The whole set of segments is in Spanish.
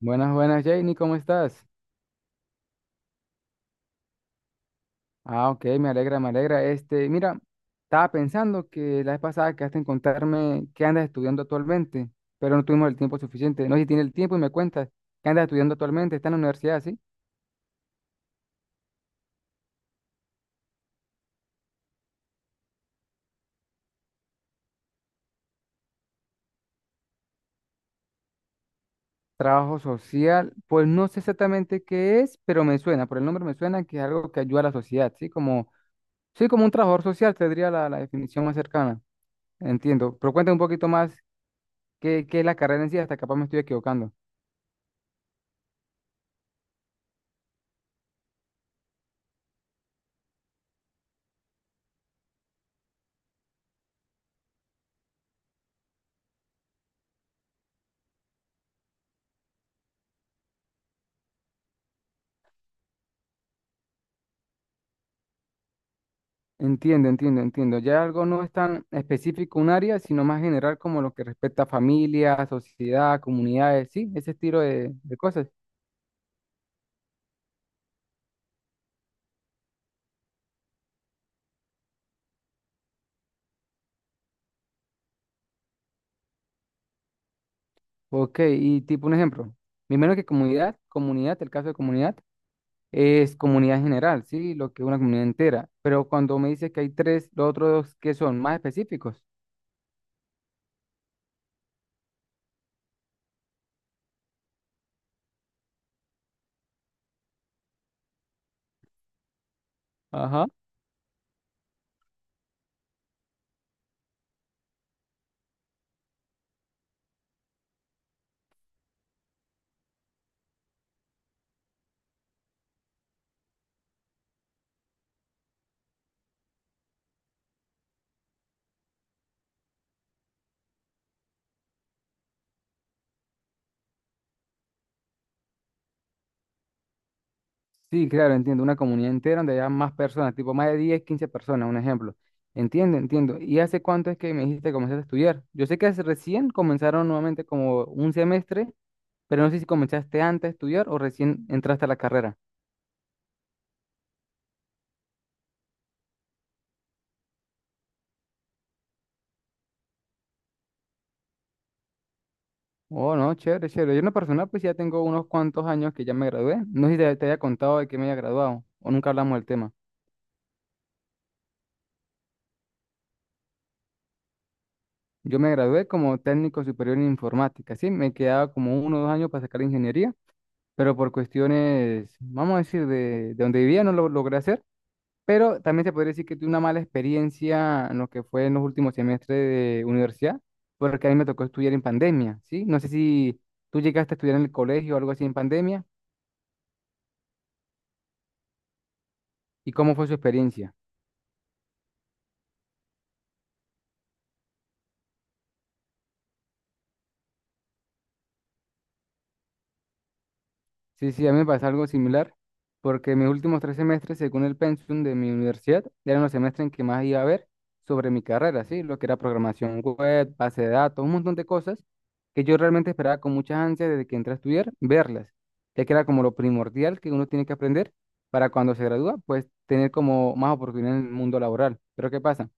Buenas, buenas, Janie, ¿cómo estás? Ah, ok, me alegra, me alegra. Este, mira, estaba pensando que la vez pasada quedaste en contarme qué andas estudiando actualmente, pero no tuvimos el tiempo suficiente. No sé si tienes el tiempo y me cuentas qué andas estudiando actualmente. Está en la universidad, ¿sí? Trabajo social, pues no sé exactamente qué es, pero me suena, por el nombre me suena que es algo que ayuda a la sociedad, ¿sí? Como, sí, como un trabajador social, tendría la definición más cercana. Entiendo, pero cuéntame un poquito más qué es la carrera en sí, hasta capaz me estoy equivocando. Entiendo, entiendo, entiendo. Ya algo no es tan específico un área, sino más general como lo que respecta a familia, sociedad, comunidades, sí, ese estilo de cosas. Ok, y tipo un ejemplo, mi menos que comunidad, comunidad, el caso de comunidad, es comunidad general, sí, lo que es una comunidad entera. Pero cuando me dices que hay tres, los otros dos que son más específicos. Sí, claro, entiendo. Una comunidad entera donde haya más personas, tipo más de 10, 15 personas, un ejemplo. Entiendo, entiendo. ¿Y hace cuánto es que me dijiste que comenzaste a estudiar? Yo sé que recién comenzaron nuevamente como un semestre, pero no sé si comenzaste antes a estudiar o recién entraste a la carrera. Oh, no, chévere, chévere. Yo en lo personal pues ya tengo unos cuantos años que ya me gradué. No sé si te había contado de que me había graduado o nunca hablamos del tema. Yo me gradué como técnico superior en informática, ¿sí? Me quedaba como 1 o 2 años para sacar ingeniería, pero por cuestiones, vamos a decir, de donde vivía no lo logré hacer, pero también se podría decir que tuve una mala experiencia en lo que fue en los últimos semestres de universidad, porque a mí me tocó estudiar en pandemia, ¿sí? No sé si tú llegaste a estudiar en el colegio o algo así en pandemia. ¿Y cómo fue su experiencia? Sí, sí, a mí me pasa algo similar, porque mis últimos 3 semestres, según el pensum de mi universidad, eran los semestres en que más iba a ver sobre mi carrera, ¿sí? Lo que era programación web, base de datos, un montón de cosas que yo realmente esperaba con muchas ansias desde que entré a estudiar, verlas, ya que era como lo primordial que uno tiene que aprender para cuando se gradúa, pues tener como más oportunidades en el mundo laboral. Pero ¿qué pasa?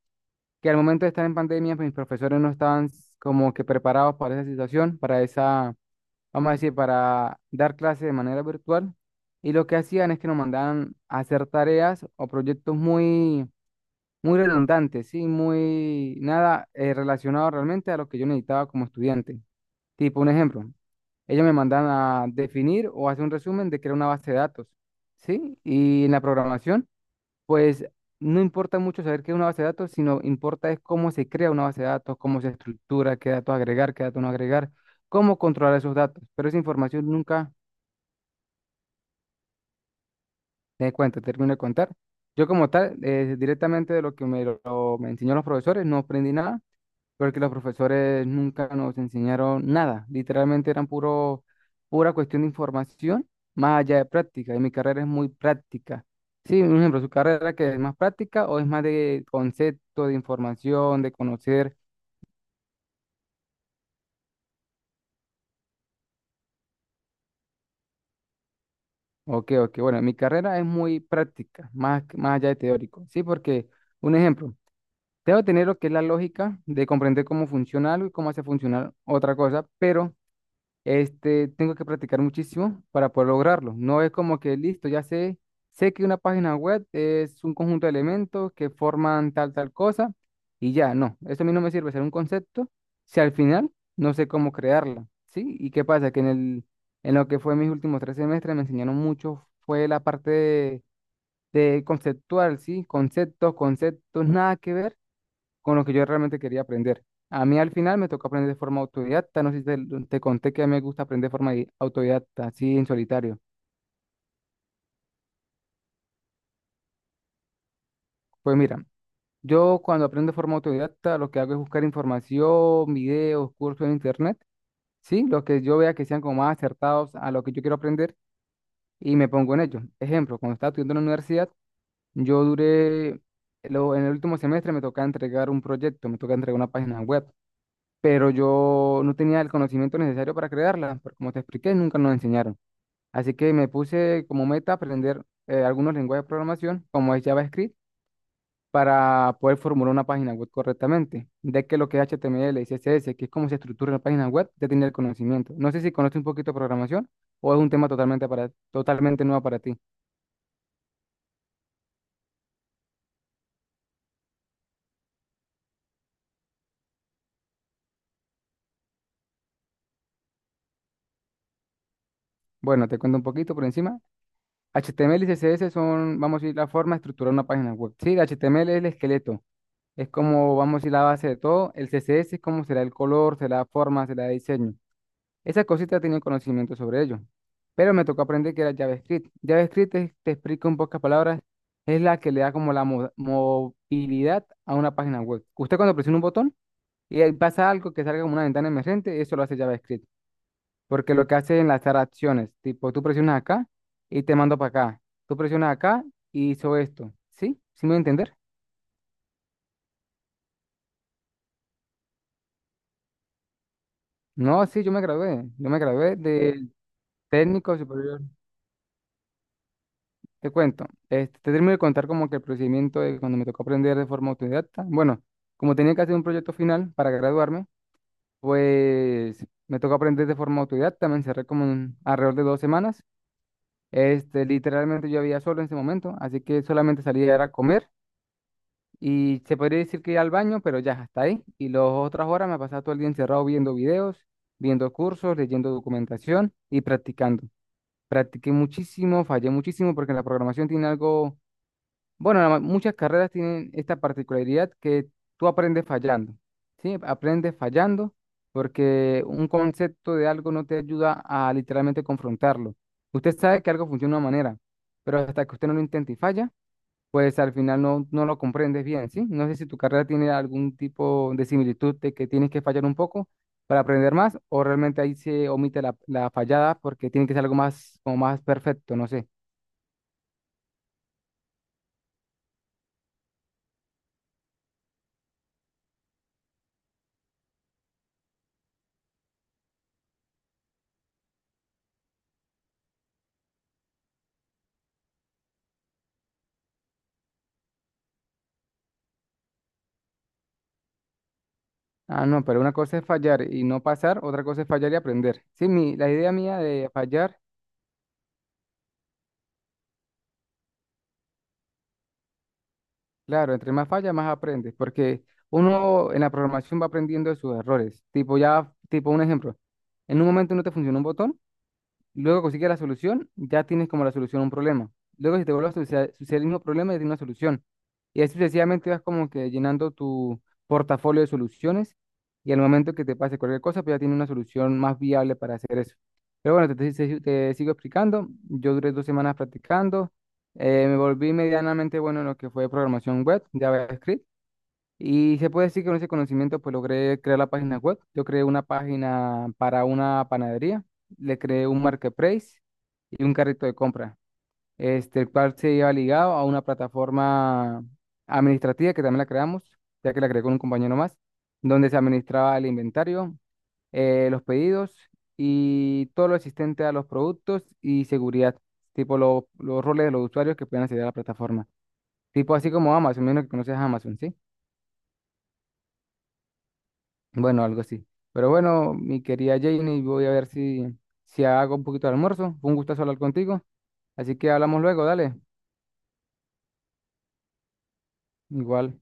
Que al momento de estar en pandemia, pues mis profesores no estaban como que preparados para esa situación, para esa, vamos a decir, para dar clases de manera virtual. Y lo que hacían es que nos mandaban a hacer tareas o proyectos muy, muy redundantes, sí, muy nada relacionado realmente a lo que yo necesitaba como estudiante. Tipo, un ejemplo, ellos me mandan a definir o hacer un resumen de crear una base de datos, ¿sí? Y en la programación, pues no importa mucho saber qué es una base de datos, sino importa es cómo se crea una base de datos, cómo se estructura, qué datos agregar, qué datos no agregar, cómo controlar esos datos. Pero esa información nunca de cuenta, termino de contar. Yo como tal, directamente de lo que me enseñaron los profesores, no aprendí nada, porque los profesores nunca nos enseñaron nada. Literalmente eran puro, pura cuestión de información, más allá de práctica. Y mi carrera es muy práctica. Sí, un ejemplo, su carrera que es más práctica o es más de concepto, de información, de conocer. Ok, ok. Bueno, mi carrera es muy práctica, más allá de teórico. Sí, porque, un ejemplo. Debo tener lo que es la lógica de comprender cómo funciona algo y cómo hace funcionar otra cosa, pero este, tengo que practicar muchísimo para poder lograrlo. No es como que listo, ya sé, sé que una página web es un conjunto de elementos que forman tal cosa y ya, no. Eso a mí no me sirve ser un concepto si al final no sé cómo crearla, ¿sí? ¿Y qué pasa? Que en lo que fue mis últimos 3 semestres me enseñaron mucho, fue la parte de conceptual, ¿sí? Conceptos, conceptos, nada que ver con lo que yo realmente quería aprender. A mí al final me tocó aprender de forma autodidacta, no sé si te conté que a mí me gusta aprender de forma autodidacta, así en solitario. Pues mira, yo cuando aprendo de forma autodidacta lo que hago es buscar información, videos, cursos en internet, ¿sí? Los que yo vea que sean como más acertados a lo que yo quiero aprender y me pongo en ello. Ejemplo, cuando estaba estudiando en la universidad, yo duré, en el último semestre me tocaba entregar un proyecto, me tocaba entregar una página web, pero yo no tenía el conocimiento necesario para crearla, porque como te expliqué, nunca nos enseñaron. Así que me puse como meta aprender algunos lenguajes de programación, como es JavaScript, para poder formular una página web correctamente. De que lo que es HTML y CSS, que es cómo se estructura una página web, ya tenía el conocimiento. No sé si conoces un poquito de programación o es un tema totalmente nuevo para ti. Bueno, te cuento un poquito por encima. HTML y CSS son, vamos a decir, la forma de estructurar una página web. Sí, HTML es el esqueleto. Es como, vamos a decir, la base de todo. El CSS es como será el color, será forma, será diseño. Esas cositas tienen conocimiento sobre ello. Pero me tocó aprender que era JavaScript. JavaScript, te explico en pocas palabras, es la que le da como la movilidad a una página web. Usted cuando presiona un botón y ahí pasa algo que salga como una ventana emergente, eso lo hace JavaScript. Porque lo que hace es enlazar acciones. Tipo, tú presionas acá y te mando para acá. Tú presionas acá y hizo esto. ¿Sí? ¿Sí me voy a entender? No, sí, yo me gradué. Yo me gradué de, técnico superior, te cuento. Este, te termino de contar como que el procedimiento de cuando me tocó aprender de forma autodidacta. Bueno, como tenía que hacer un proyecto final para graduarme, pues me tocó aprender de forma autodidacta. Me encerré como en alrededor de 2 semanas. Este, literalmente yo había solo en ese momento, así que solamente salía era a comer y se podría decir que iba al baño, pero ya hasta ahí. Y las otras horas me pasaba todo el día encerrado viendo videos, viendo cursos, leyendo documentación y practicando. Practiqué muchísimo, fallé muchísimo porque la programación tiene algo, bueno, muchas carreras tienen esta particularidad que tú aprendes fallando, ¿sí? Aprendes fallando porque un concepto de algo no te ayuda a literalmente confrontarlo. Usted sabe que algo funciona de una manera, pero hasta que usted no lo intenta y falla, pues al final no, no lo comprendes bien, ¿sí? No sé si tu carrera tiene algún tipo de similitud de que tienes que fallar un poco para aprender más o realmente ahí se omite la fallada porque tiene que ser algo más, como más perfecto, no sé. Ah, no, pero una cosa es fallar y no pasar, otra cosa es fallar y aprender. Sí, mi, la idea mía de fallar, claro, entre más falla, más aprendes, porque uno en la programación va aprendiendo de sus errores. Tipo, ya, tipo un ejemplo, en un momento no te funcionó un botón. Luego consigues la solución, ya tienes como la solución a un problema. Luego si te vuelve a suceder, el mismo problema, ya tienes una solución. Y así sucesivamente vas como que llenando tu portafolio de soluciones y al momento que te pase cualquier cosa, pues ya tienes una solución más viable para hacer eso. Pero bueno, te sigo explicando. Yo duré 2 semanas practicando. Me volví medianamente bueno en lo que fue programación web, JavaScript. Y se puede decir que con ese conocimiento pues logré crear la página web. Yo creé una página para una panadería, le creé un marketplace y un carrito de compra, este, el cual se iba ligado a una plataforma administrativa que también la creamos, ya que la creé con un compañero más, donde se administraba el inventario, los pedidos y todo lo existente a los productos y seguridad, tipo los roles de los usuarios que puedan acceder a la plataforma. Tipo así como Amazon, menos que conoces a Amazon, ¿sí? Bueno, algo así. Pero bueno, mi querida Janie, voy a ver si, si hago un poquito de almuerzo. Fue un gustazo hablar contigo. Así que hablamos luego, dale. Igual.